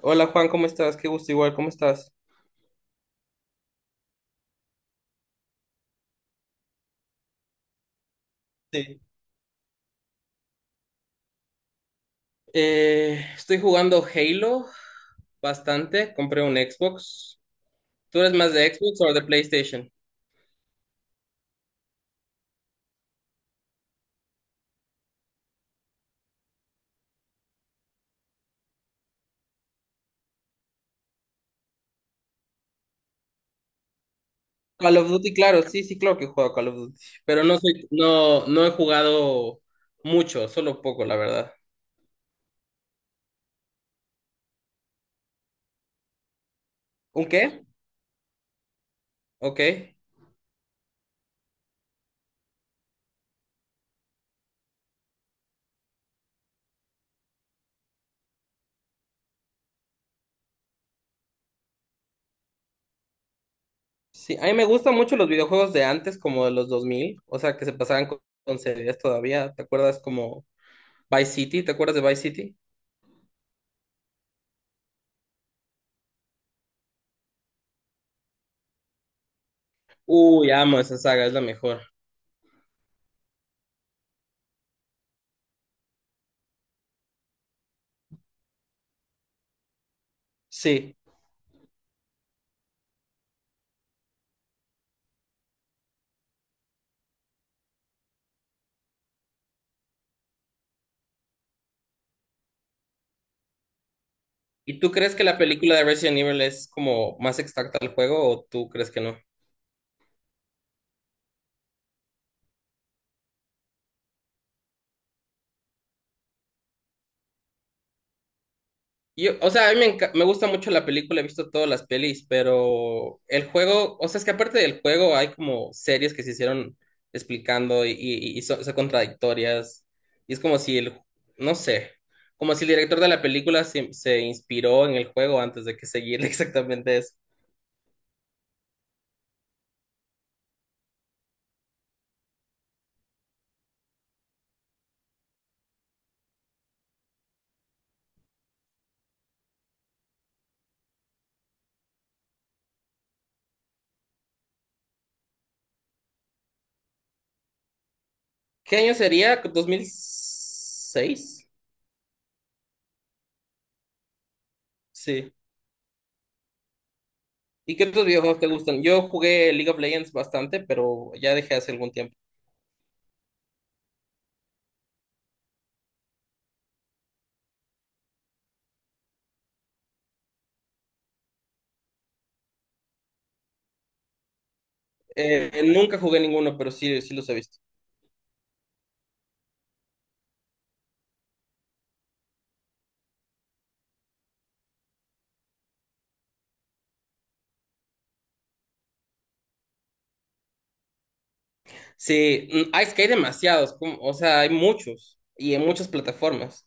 Hola Juan, ¿cómo estás? Qué gusto, igual, ¿cómo estás? Sí. Estoy jugando Halo bastante, compré un Xbox. ¿Tú eres más de Xbox o de PlayStation? Call of Duty, claro, sí, sí, claro que he jugado Call of Duty, pero no soy, no, no he jugado mucho, solo poco, la verdad. ¿Un qué? Ok. Sí, a mí me gustan mucho los videojuegos de antes, como de los 2000, o sea, que se pasaban con series todavía. ¿Te acuerdas como Vice City? ¿Te acuerdas de Vice City? Uy, amo esa saga, es la mejor. Sí. ¿Y tú crees que la película de Resident Evil es como más exacta al juego o tú crees que no? Yo, o sea, a mí me, me gusta mucho la película, he visto todas las pelis, pero el juego, o sea, es que aparte del juego hay como series que se hicieron explicando y son, son contradictorias. Y es como si no sé, como si el director de la película se, se inspiró en el juego antes de que seguir exactamente eso. ¿Qué año sería? ¿2006? Sí. ¿Y qué otros videojuegos te gustan? Yo jugué League of Legends bastante, pero ya dejé hace algún tiempo. Nunca jugué ninguno, pero sí, sí los he visto. Sí, es que hay demasiados, o sea, hay muchos y en muchas plataformas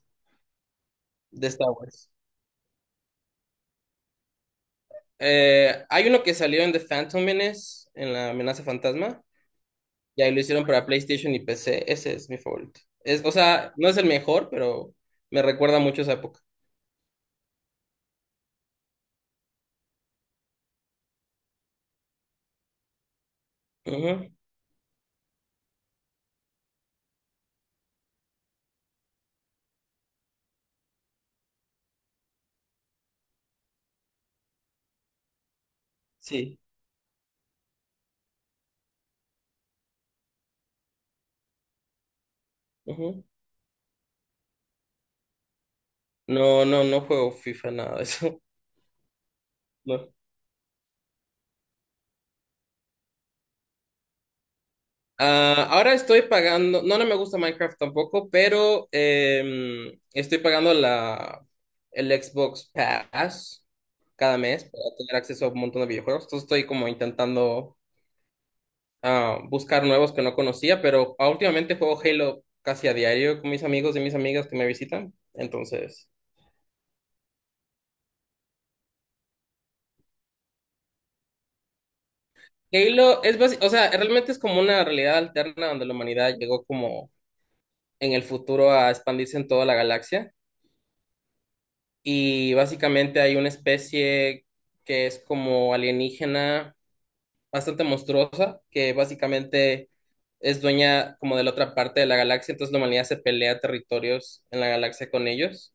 de Star Wars. Hay uno que salió en The Phantom Menace, en la amenaza fantasma, y ahí lo hicieron para PlayStation y PC. Ese es mi favorito. Es, o sea, no es el mejor, pero me recuerda mucho esa época. Ujú. Sí. Ujú. No, no, no juego FIFA, nada de eso. No. Ah, ahora estoy pagando, no, no me gusta Minecraft tampoco, pero estoy pagando el Xbox Pass cada mes para tener acceso a un montón de videojuegos. Entonces estoy como intentando buscar nuevos que no conocía, pero últimamente juego Halo casi a diario con mis amigos y mis amigas que me visitan. Entonces, Halo es o sea, realmente es como una realidad alterna donde la humanidad llegó como en el futuro a expandirse en toda la galaxia. Y básicamente hay una especie que es como alienígena bastante monstruosa, que básicamente es dueña como de la otra parte de la galaxia, entonces la humanidad se pelea territorios en la galaxia con ellos.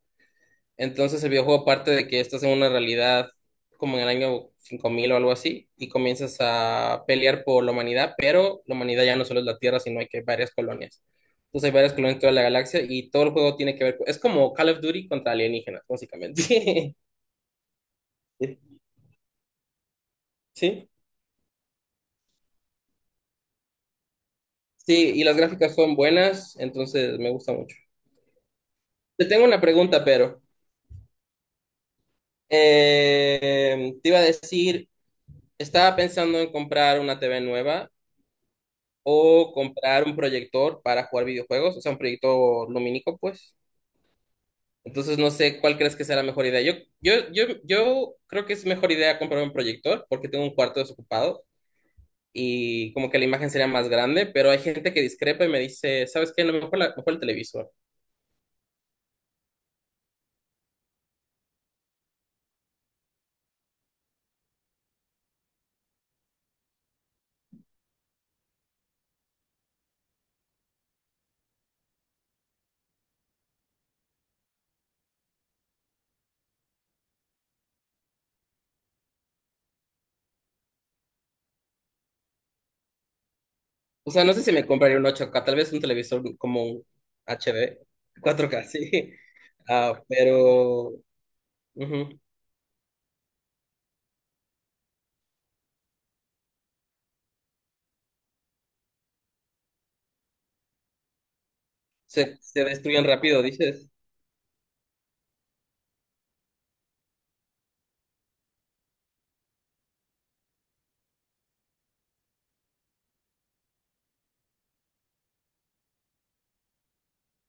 Entonces el videojuego parte de que estás en una realidad como en el año 5000 o algo así, y comienzas a pelear por la humanidad, pero la humanidad ya no solo es la Tierra, sino hay que varias colonias. Entonces hay varias colonias en toda la galaxia y todo el juego tiene que ver con... Es como Call of Duty contra alienígenas, básicamente. Sí, sí, sí, y las gráficas son buenas, entonces me gusta mucho. Te tengo una pregunta, pero te iba a decir, estaba pensando en comprar una TV nueva o comprar un proyector para jugar videojuegos, o sea, un proyector lumínico, pues. Entonces no sé cuál crees que sea la mejor idea. Yo creo que es mejor idea comprar un proyector porque tengo un cuarto desocupado y como que la imagen sería más grande, pero hay gente que discrepa y me dice, ¿sabes qué? No, mejor, mejor el televisor. O sea, no sé si me compraría un 8K, tal vez un televisor como un HD, 4K, sí. Ah, pero ujú. Se destruyen rápido, dices,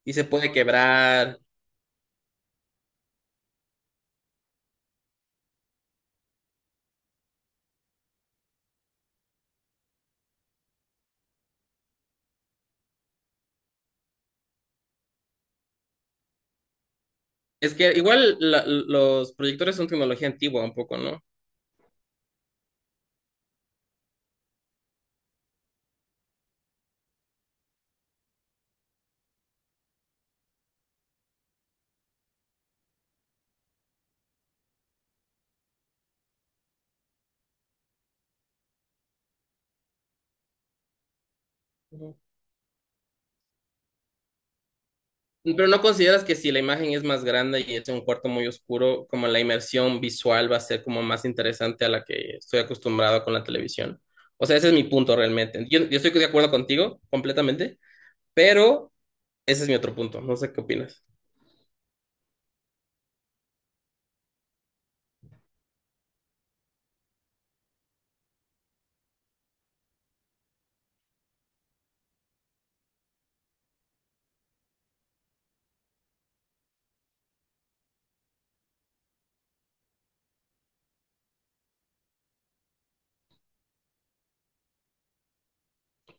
y se puede quebrar. Es que igual los proyectores son tecnología antigua un poco, ¿no? Ujú. Pero ¿no consideras que si la imagen es más grande y es en un cuarto muy oscuro, como la inmersión visual va a ser como más interesante a la que estoy acostumbrado con la televisión? O sea, ese es mi punto realmente. Yo estoy de acuerdo contigo completamente, pero ese es mi otro punto, no sé qué opinas.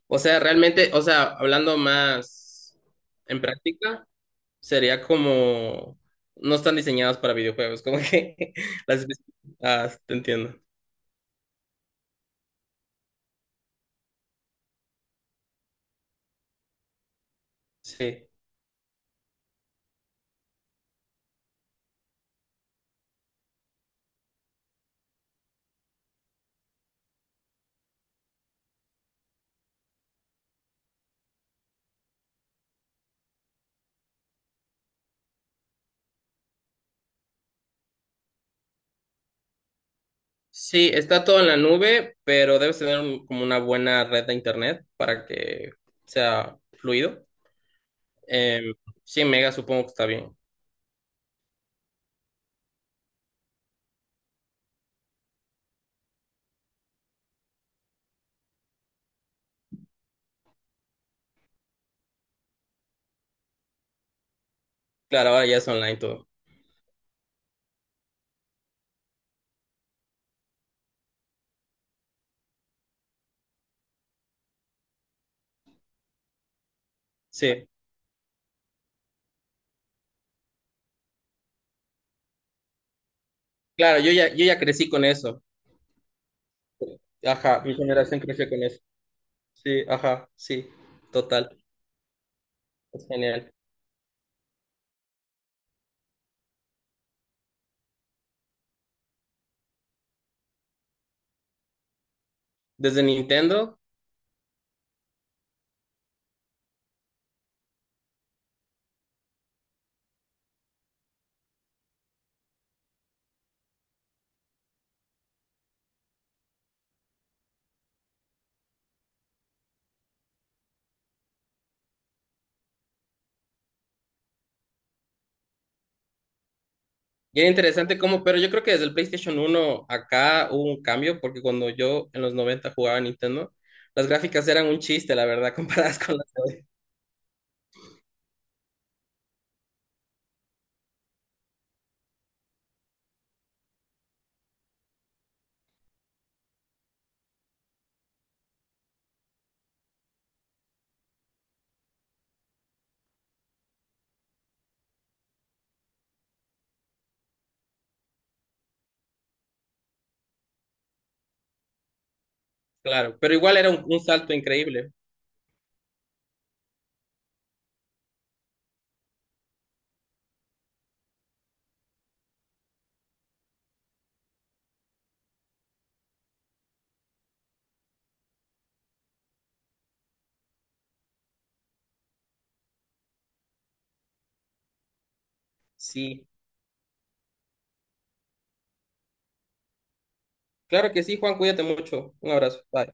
O sea, realmente, o sea, hablando más en práctica, sería como no están diseñadas para videojuegos, como que las... Ah, te entiendo. Sí. Sí, está todo en la nube, pero debes tener como una buena red de internet para que sea fluido. Em, 100 megas supongo que está bien. Claro, ahora ya es online todo. Sí. Claro, yo ya crecí con eso. Ajá, mi generación creció con eso. Sí, ajá, sí, total, es genial. Desde Nintendo, bien interesante cómo, pero yo creo que desde el PlayStation uno acá hubo un cambio, porque cuando yo en los 90 jugaba a Nintendo, las gráficas eran un chiste, la verdad, comparadas con las de hoy. Claro, pero igual era un salto increíble. Sí, claro que sí, Juan, cuídate mucho. Un abrazo. Bye.